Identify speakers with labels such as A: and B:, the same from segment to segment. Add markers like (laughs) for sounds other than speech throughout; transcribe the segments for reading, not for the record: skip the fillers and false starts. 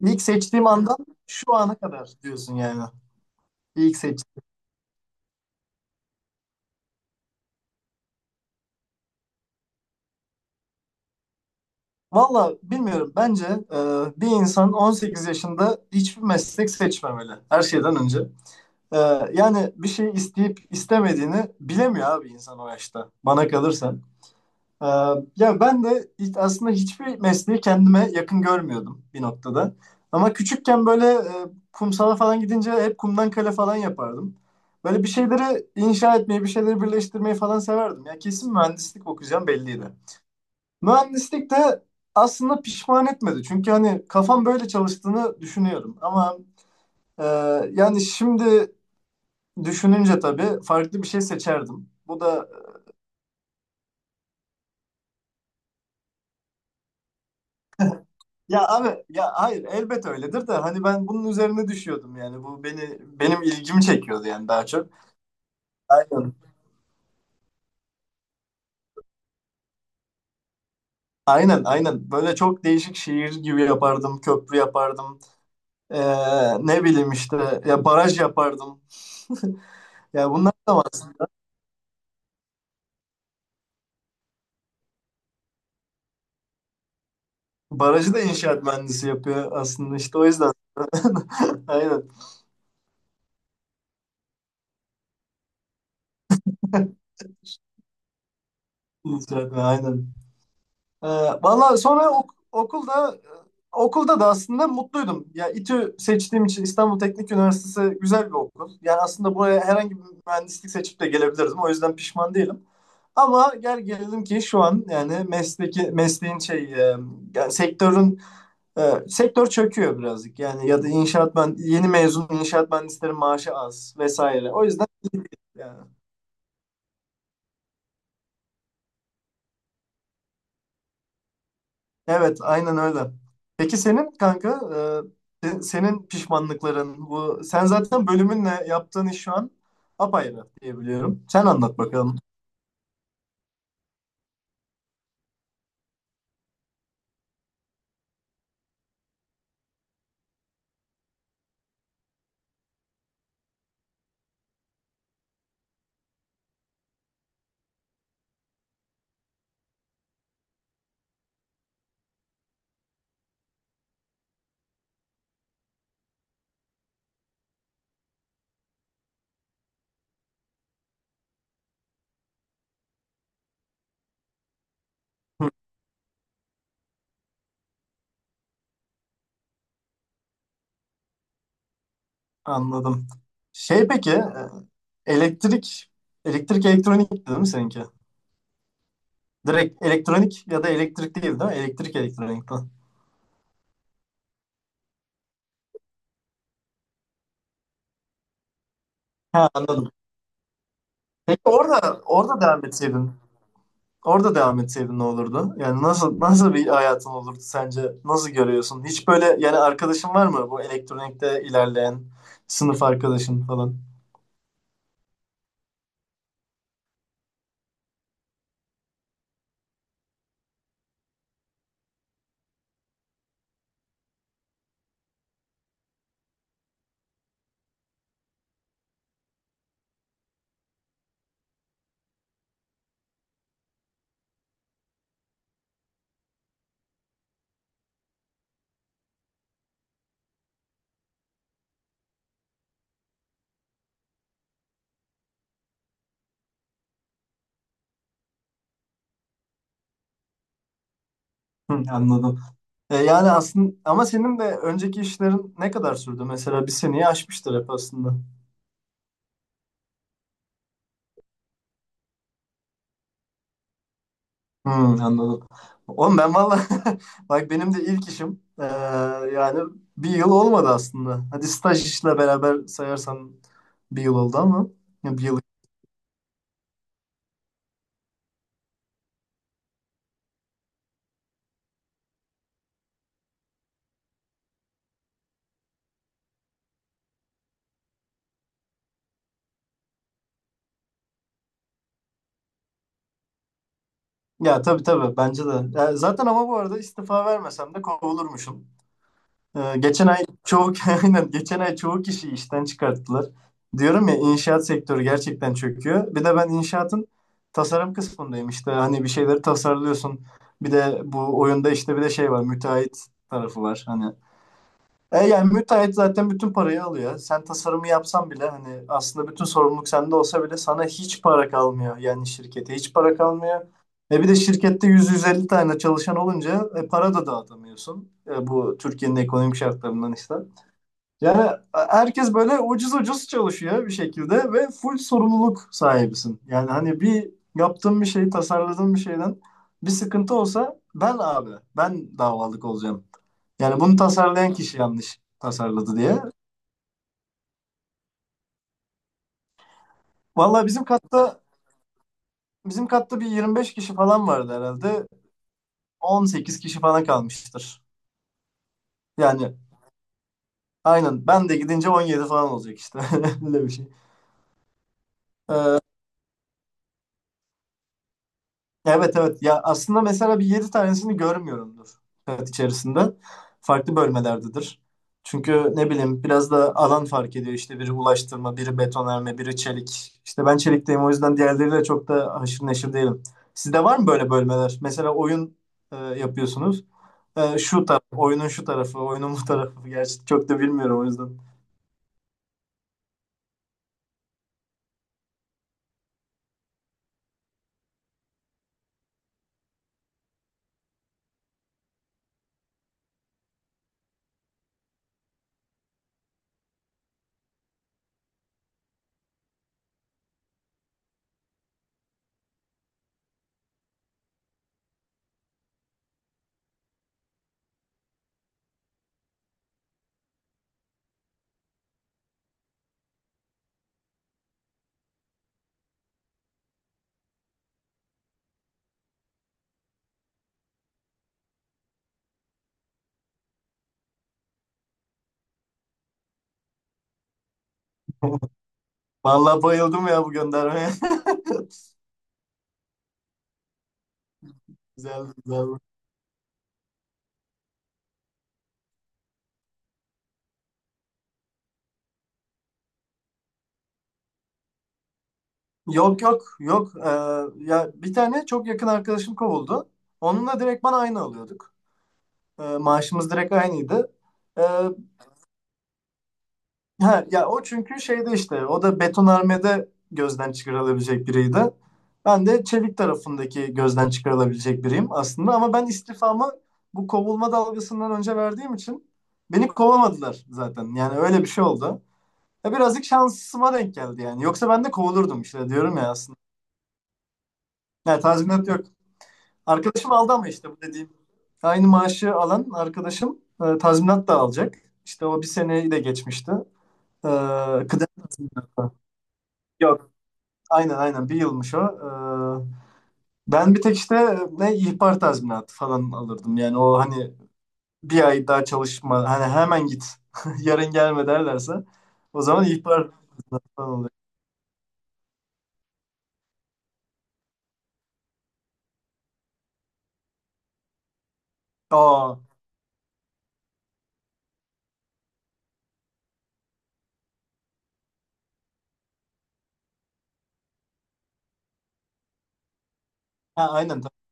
A: İlk seçtiğim andan şu ana kadar diyorsun yani. İlk seç. Valla bilmiyorum. Bence e, bir insan 18 yaşında hiçbir meslek seçmemeli. Her şeyden önce. E, yani bir şey isteyip istemediğini bilemiyor abi insan o yaşta. Bana kalırsa. Ee, Ya ben de aslında hiçbir mesleği kendime yakın görmüyordum bir noktada. Ama küçükken böyle kumsala falan gidince hep kumdan kale falan yapardım. Böyle bir şeyleri inşa etmeyi, bir şeyleri birleştirmeyi falan severdim. Ya kesin mühendislik okuyacağım belliydi. Mühendislik de aslında pişman etmedi. Çünkü hani kafam böyle çalıştığını düşünüyorum. Ama e, yani şimdi düşününce tabii farklı bir şey seçerdim. Bu da. Ya abi ya hayır elbet öyledir de hani ben bunun üzerine düşüyordum yani bu beni benim ilgimi çekiyordu yani daha çok. Aynen. Aynen, aynen, böyle çok değişik şiir gibi yapardım, köprü yapardım. Ne bileyim işte ya baraj yapardım. Ya bunlar. Barajı da inşaat mühendisi yapıyor aslında, işte o yüzden. (laughs) Aynen, inşaat mühendisi, aynen. Ee, valla sonra okulda da aslında mutluydum. Ya İTÜ seçtiğim için, İstanbul Teknik Üniversitesi güzel bir okul. Yani aslında buraya herhangi bir mühendislik seçip de gelebilirdim. O yüzden pişman değilim. Ama gel gelelim ki şu an yani mesleki mesleğin yani sektörün, sektör çöküyor birazcık. Yani ya da inşaat, ben yeni mezun inşaat mühendislerin maaşı az vesaire. O yüzden yani. Evet, aynen öyle. Peki senin kanka, senin pişmanlıkların bu, sen zaten bölümünle yaptığın iş şu an apayrı diyebiliyorum. Sen anlat bakalım. Anladım. Peki, elektrik elektrik elektronik değil mi seninki? Direkt elektronik ya da elektrik değil mi? Elektrik elektronikten. Ha, anladım. Peki orada devam etseydin. Orada devam etseydin ne olurdu? Yani nasıl bir hayatın olurdu sence? Nasıl görüyorsun? Hiç böyle yani arkadaşın var mı bu elektronikte ilerleyen sınıf arkadaşın falan? Hı, anladım. Yani aslında ama senin de önceki işlerin ne kadar sürdü? Mesela bir seneyi aşmıştır hep aslında. Hı, anladım. Oğlum ben valla (laughs) bak benim de ilk işim, yani, bir yıl olmadı aslında. Hadi staj işle beraber sayarsan bir yıl oldu ama ya bir yıl. Ya, tabii, tabii, bence de. Ya zaten ama bu arada istifa vermesem de kovulurmuşum. Geçen ay çoğu (laughs) aynen geçen ay çoğu kişiyi işten çıkarttılar. Diyorum ya inşaat sektörü gerçekten çöküyor. Bir de ben inşaatın tasarım kısmındayım işte. Hani bir şeyleri tasarlıyorsun. Bir de bu oyunda işte bir de şey var, müteahhit tarafı var. Hani yani müteahhit zaten bütün parayı alıyor. Sen tasarımı yapsan bile hani aslında bütün sorumluluk sende olsa bile sana hiç para kalmıyor. Yani şirkete hiç para kalmıyor. Bir de şirkette 100-150 tane çalışan olunca, para da dağıtamıyorsun. Bu Türkiye'nin ekonomik şartlarından işte. Yani herkes böyle ucuz ucuz çalışıyor bir şekilde ve full sorumluluk sahibisin. Yani hani bir yaptığın bir şeyi, tasarladığın bir şeyden bir sıkıntı olsa, ben abi ben davalık olacağım. Yani bunu tasarlayan kişi yanlış tasarladı diye. Vallahi bizim katta bir 25 kişi falan vardı herhalde. 18 kişi falan kalmıştır. Yani aynen ben de gidince 17 falan olacak işte. (laughs) Öyle bir şey. Evet, evet, ya aslında mesela bir 7 tanesini görmüyorumdur hayat içerisinde. Farklı bölmelerdedir. Çünkü ne bileyim, biraz da alan fark ediyor işte: biri ulaştırma, biri betonarme, biri çelik. İşte ben çelikteyim, o yüzden diğerleriyle çok da haşır neşir değilim. Sizde var mı böyle bölmeler? Mesela oyun yapıyorsunuz. Şu taraf, oyunun şu tarafı, oyunun bu tarafı. Gerçi çok da bilmiyorum o yüzden. (laughs) Vallahi bayıldım ya bu göndermeye. (laughs) Güzel, güzel. Yok, yok, yok. Ya bir tane çok yakın arkadaşım kovuldu. Onunla direkt bana aynı alıyorduk. Maaşımız direkt aynıydı. Ee, ha, ya o çünkü şeyde işte, o da betonarmede gözden çıkarılabilecek biriydi. Ben de çelik tarafındaki gözden çıkarılabilecek biriyim aslında ama ben istifamı bu kovulma dalgasından önce verdiğim için beni kovamadılar zaten. Yani öyle bir şey oldu. Ya birazcık şansıma denk geldi yani. Yoksa ben de kovulurdum işte, diyorum ya aslında. Yani tazminat yok. Arkadaşım aldı ama işte bu dediğim. Aynı maaşı alan arkadaşım, tazminat da alacak. İşte o bir seneyi de geçmişti. E, kıdem tazminatı. Yok. Aynen, aynen, bir yılmış o. Ben bir tek işte ne ihbar tazminatı falan alırdım. Yani o hani bir ay daha çalışma, hani hemen git, (laughs) yarın gelme derlerse o zaman ihbar falan oluyor. Aa, ha, aynen tabii.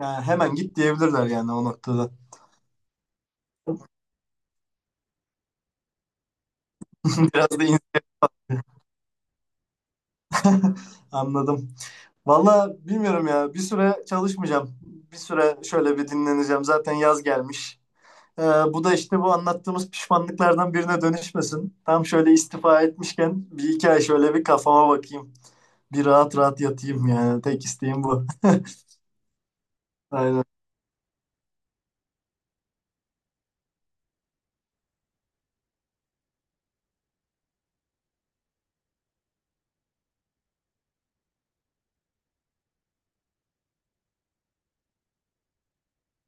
A: Yani hemen git diyebilirler yani o noktada. (laughs) Biraz da (laughs) anladım. Valla bilmiyorum ya. Bir süre çalışmayacağım. Bir süre şöyle bir dinleneceğim. Zaten yaz gelmiş. Ee, bu da işte bu anlattığımız pişmanlıklardan birine dönüşmesin. Tam şöyle istifa etmişken bir iki ay şöyle bir kafama bakayım. Bir rahat rahat yatayım yani. Tek isteğim bu. (laughs) Aynen.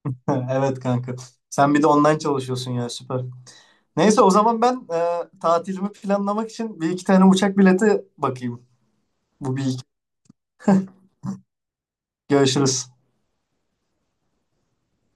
A: (laughs) Evet, kanka. Sen bir de online çalışıyorsun ya, süper. Neyse o zaman ben tatilimi planlamak için bir iki tane uçak bileti bakayım. Bu bir iki. Görüşürüz.